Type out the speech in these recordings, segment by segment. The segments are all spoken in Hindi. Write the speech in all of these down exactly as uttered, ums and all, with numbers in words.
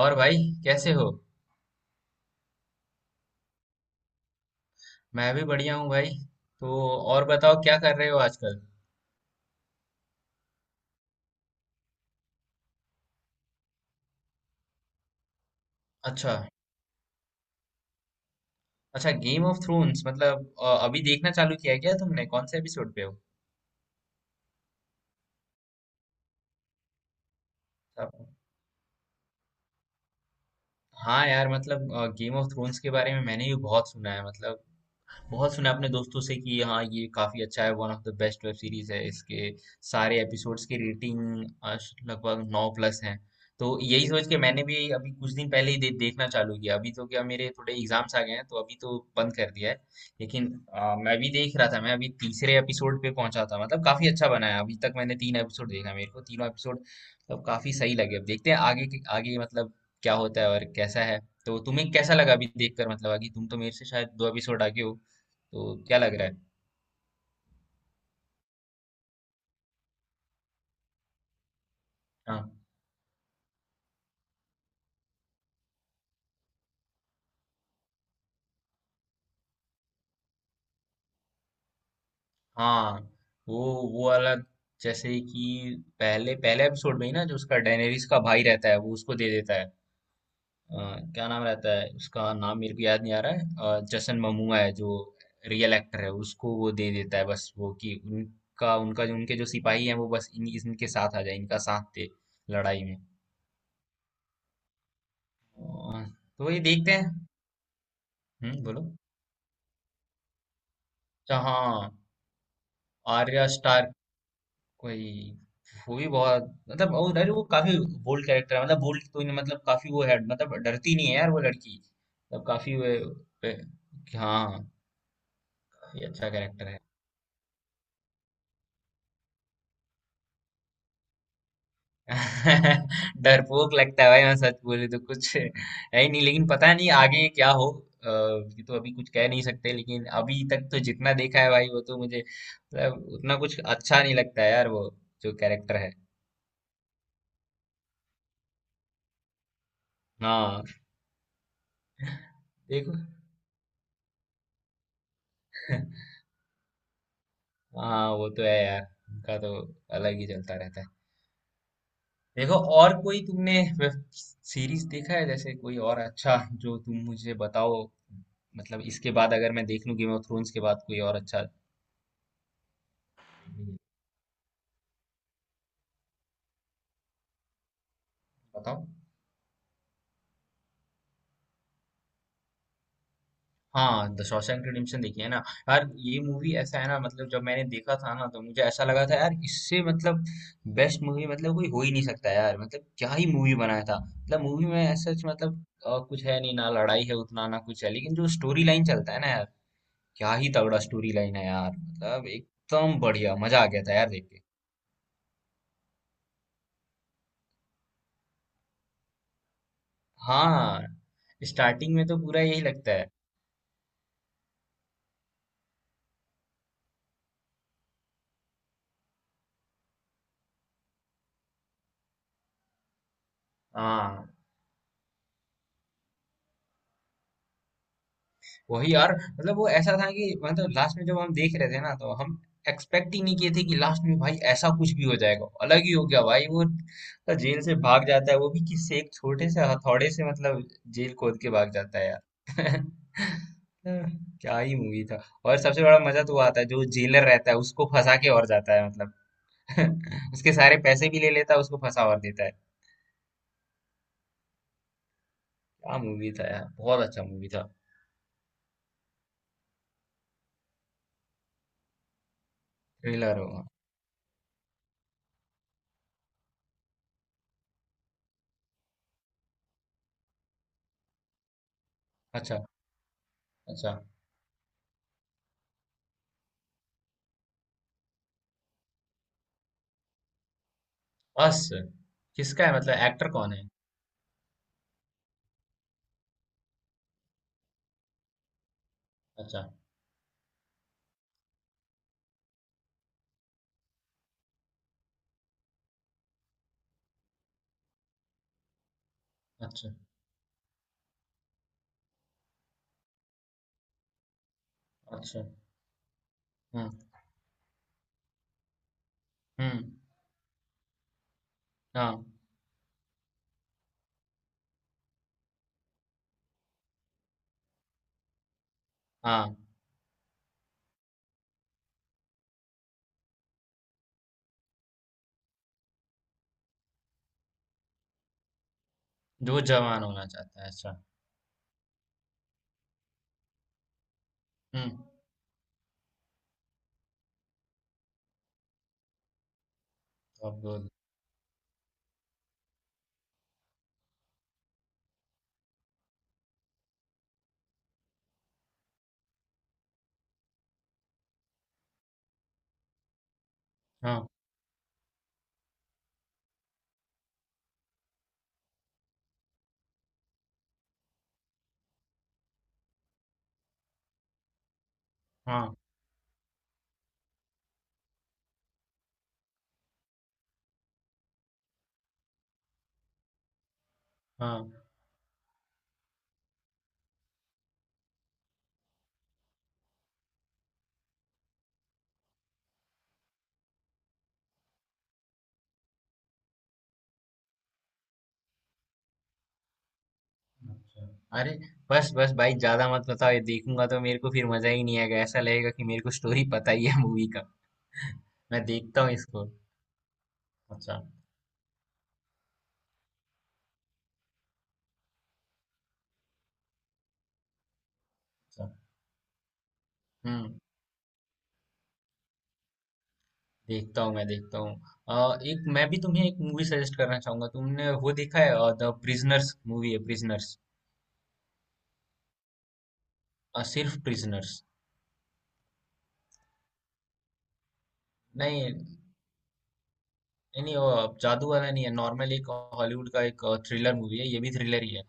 और भाई कैसे हो। मैं भी बढ़िया हूँ भाई। तो और बताओ क्या कर रहे हो आजकल। अच्छा, अच्छा गेम ऑफ थ्रोन्स मतलब अ, अभी देखना चालू किया है क्या तुमने? कौन से एपिसोड पे हो? अब- हाँ यार मतलब गेम ऑफ थ्रोन्स के बारे में मैंने भी बहुत सुना है, मतलब बहुत सुना अपने दोस्तों से कि हाँ ये काफ़ी अच्छा है, one of the best web series है। इसके सारे एपिसोड्स की रेटिंग लगभग नौ प्लस हैं। तो यही सोच के मैंने भी अभी कुछ दिन पहले ही दे, देखना चालू किया। अभी तो क्या मेरे थोड़े एग्जाम्स आ गए हैं तो अभी तो बंद कर दिया है। लेकिन आ, मैं भी देख रहा था, मैं अभी तीसरे एपिसोड पे पहुंचा था। मतलब काफ़ी अच्छा बना है, अभी तक मैंने तीन एपिसोड देखा, मेरे को तीनों एपिसोड मतलब काफ़ी सही लगे। अब देखते हैं आगे के- आगे मतलब क्या होता है और कैसा है। तो तुम्हें कैसा लगा अभी देखकर? मतलब आगे, तुम तो मेरे से शायद दो एपिसोड आगे हो, तो क्या लग रहा है? हाँ हाँ, वो वो वाला जैसे कि पहले पहले एपिसोड में ही ना, जो उसका डेनेरिस का भाई रहता है वो उसको दे देता है। अ, क्या नाम रहता है उसका, नाम मेरे को याद नहीं आ रहा है, अ, जसन ममूआ है जो रियल एक्टर है, उसको वो दे देता है, बस वो कि उनका उनका जो उनके जो सिपाही हैं वो बस इन इनके साथ आ जाए, इनका साथ दे लड़ाई में। अ, तो ये देखते हैं। हम्म, बोलो। अच्छा, हाँ। आर्या स्टार कोई, वो भी बहुत, मतलब वो अरे वो काफी बोल्ड कैरेक्टर है, मतलब बोल्ड कोई नहीं, मतलब काफी वो है, मतलब डरती नहीं है यार वो लड़की, मतलब काफी वो पे- कि हाँ, ये अच्छा कैरेक्टर है। डरपोक लगता है भाई, मैं सच बोलूं तो कुछ है ही नहीं, लेकिन पता नहीं आगे क्या हो। अ, ये तो अभी कुछ कह नहीं सकते, लेकिन अभी तक तो जितना देखा है भाई, वो तो मुझे मतलब उतना कुछ अच्छा नहीं लगता है यार, वो जो कैरेक्टर है। हाँ। देखो। हाँ वो तो है यार, उनका तो अलग ही चलता रहता है। देखो और कोई तुमने वेब सीरीज देखा है जैसे, कोई और अच्छा जो तुम मुझे बताओ, मतलब इसके बाद अगर मैं देख लूं गेम ऑफ थ्रोन्स के बाद कोई और अच्छा। बताओ। हाँ, द शॉशैंक रिडेम्पशन देखी है ना। यार ये मूवी ऐसा है ना, मतलब जब मैंने देखा था ना तो मुझे ऐसा लगा था यार इससे मतलब बेस्ट मूवी मतलब कोई हो ही नहीं सकता यार, मतलब क्या ही मूवी बनाया था, मतलब मूवी में सच मतलब अ, कुछ है नहीं ना, लड़ाई है उतना ना कुछ है, लेकिन जो स्टोरी लाइन चलता है ना यार, क्या ही तगड़ा स्टोरी लाइन है यार, मतलब एकदम बढ़िया, मजा आ गया था यार देख के। हाँ, स्टार्टिंग में तो पूरा यही लगता है। हाँ, वही यार, मतलब वो ऐसा था कि मतलब लास्ट में जब हम देख रहे थे ना तो हम एक्सपेक्ट ही नहीं किए थे कि लास्ट में भाई ऐसा कुछ भी हो जाएगा, अलग ही हो गया भाई। वो तो जेल से भाग जाता है वो भी किससे, एक छोटे से हथौड़े से, मतलब जेल खोद के भाग जाता है यार। क्या ही मूवी था। और सबसे बड़ा मजा तो वो आता है जो जेलर रहता है उसको फंसा के और जाता है, मतलब उसके सारे पैसे भी ले लेता है, उसको फंसा और देता है। क्या मूवी था यार, बहुत अच्छा मूवी था। थ्रिलर होगा। अच्छा, अच्छा। अस किसका है, मतलब एक्टर कौन है? अच्छा। अच्छा। अच्छा। हम्म। हम्म। हाँ। हाँ, जो जवान होना चाहता है, अच्छा। हम्म। अब बोल। हाँ। हाँ। हाँ। अच्छा। अरे बस बस भाई, ज्यादा मत बताओ, ये देखूंगा तो मेरे को फिर मजा ही नहीं आएगा, ऐसा लगेगा कि मेरे को स्टोरी पता ही है मूवी का। मैं देखता हूँ इसको। अच्छा। अच्छा। हम्म। देखता हूँ, मैं देखता हूँ। अ, एक मैं भी तुम्हें एक मूवी सजेस्ट करना चाहूंगा, तुमने वो देखा है द प्रिजनर्स? मूवी है प्रिजनर्स, सिर्फ प्रिजनर्स। नहीं नहीं, नहीं, वो जादू वाला नहीं है, नॉर्मल एक हॉलीवुड का एक थ्रिलर मूवी है, ये भी थ्रिलर ही है।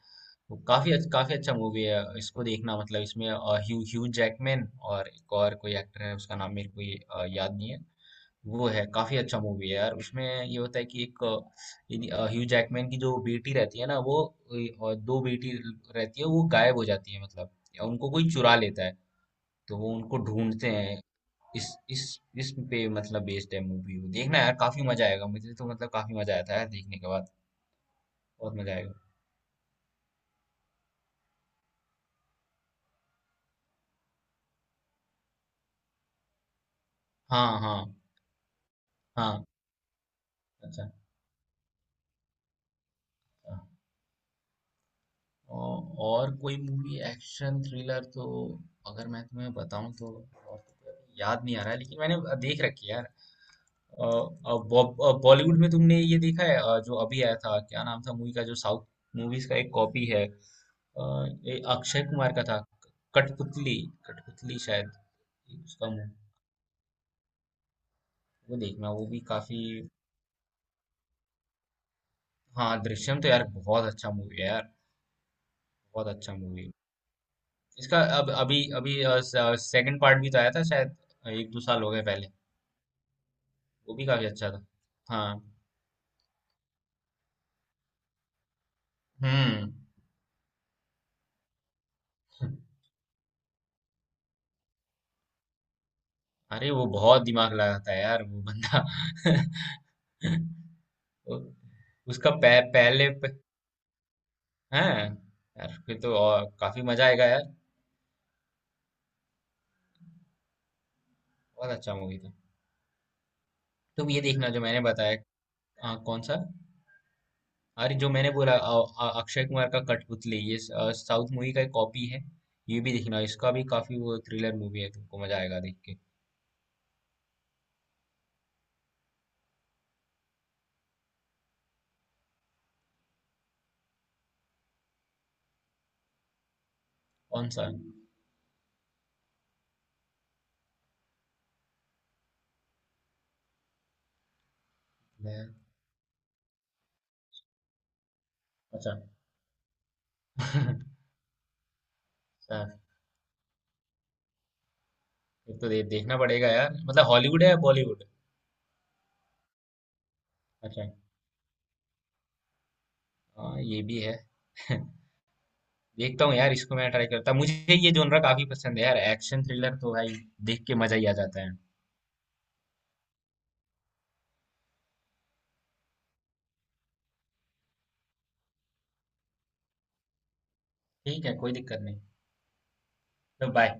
वो काफी अच्छ- काफी अच्छा मूवी है, इसको देखना, मतलब इसमें ह्यू ह्यू जैकमैन और एक और कोई एक्टर है उसका नाम मेरे को ये, अ, याद नहीं है। वो है काफी अच्छा मूवी है यार, उसमें ये होता है कि एक अ, इन- अ, ह्यू जैकमैन की जो बेटी रहती है ना वो ए, और दो बेटी रहती है, वो गायब हो जाती है, मतलब या उनको कोई चुरा लेता है, तो वो उनको ढूंढते हैं। इस इस इस पे मतलब बेस्ड है मूवी। वो देखना यार, काफी मजा आएगा, मुझे तो मतलब काफी मजा आया था यार देखने के बाद, बहुत मजा आएगा। हाँ हाँ हाँ। अच्छा। हाँ। औ- और कोई मूवी एक्शन थ्रिलर तो अगर मैं तुम्हें बताऊं तो, और तो कोई अभी याद नहीं आ रहा है, लेकिन मैंने देख रखी है यार। अ, अ, बॉ- अ, बॉलीवुड में तुमने ये देखा है अ, जो अभी आया था, क्या नाम था मूवी का जो साउथ मूवीज का एक कॉपी है अ, ये अक्षय कुमार का था। कठपुतली, कठपुतली शायद। उसका मु- वो देखना, वो भी काफी। हाँ दृश्यम तो यार बहुत अच्छा मूवी है यार, बहुत अच्छा मूवी। इसका अब अभी अभी सेकंड पार्ट भी तो आया था शायद, एक दो साल हो गए पहले। वो भी काफी अच्छा था। हाँ। हम्म। अरे वो बहुत दिमाग लगाता है यार वो बंदा। उ- उसका पह, पहले प, हाँ यार फिर तो और काफी मजा आएगा यार। बहुत अच्छा मूवी था। तुम ये देखना जो मैंने बताया। आ, कौन सा? अरे जो मैंने बोला अ- अ- अक्षय कुमार का कठपुतली, ये स- अ, साउथ मूवी का एक कॉपी है, ये भी देखना, इसका भी काफी वो थ्रिलर मूवी है, तुमको मजा आएगा देख के। कौन सा? मैं- अच्छा। अच्छा, ये तो दे, देखना पड़ेगा यार। मतलब हॉलीवुड है या बॉलीवुड? अच्छा। हाँ ये भी है। देखता हूँ यार, इसको मैं ट्राई करता, मुझे ये जोनरा काफी पसंद है यार, एक्शन थ्रिलर तो भाई देख के मजा ही आ जाता है। ठीक है, कोई दिक्कत नहीं। तो बाय।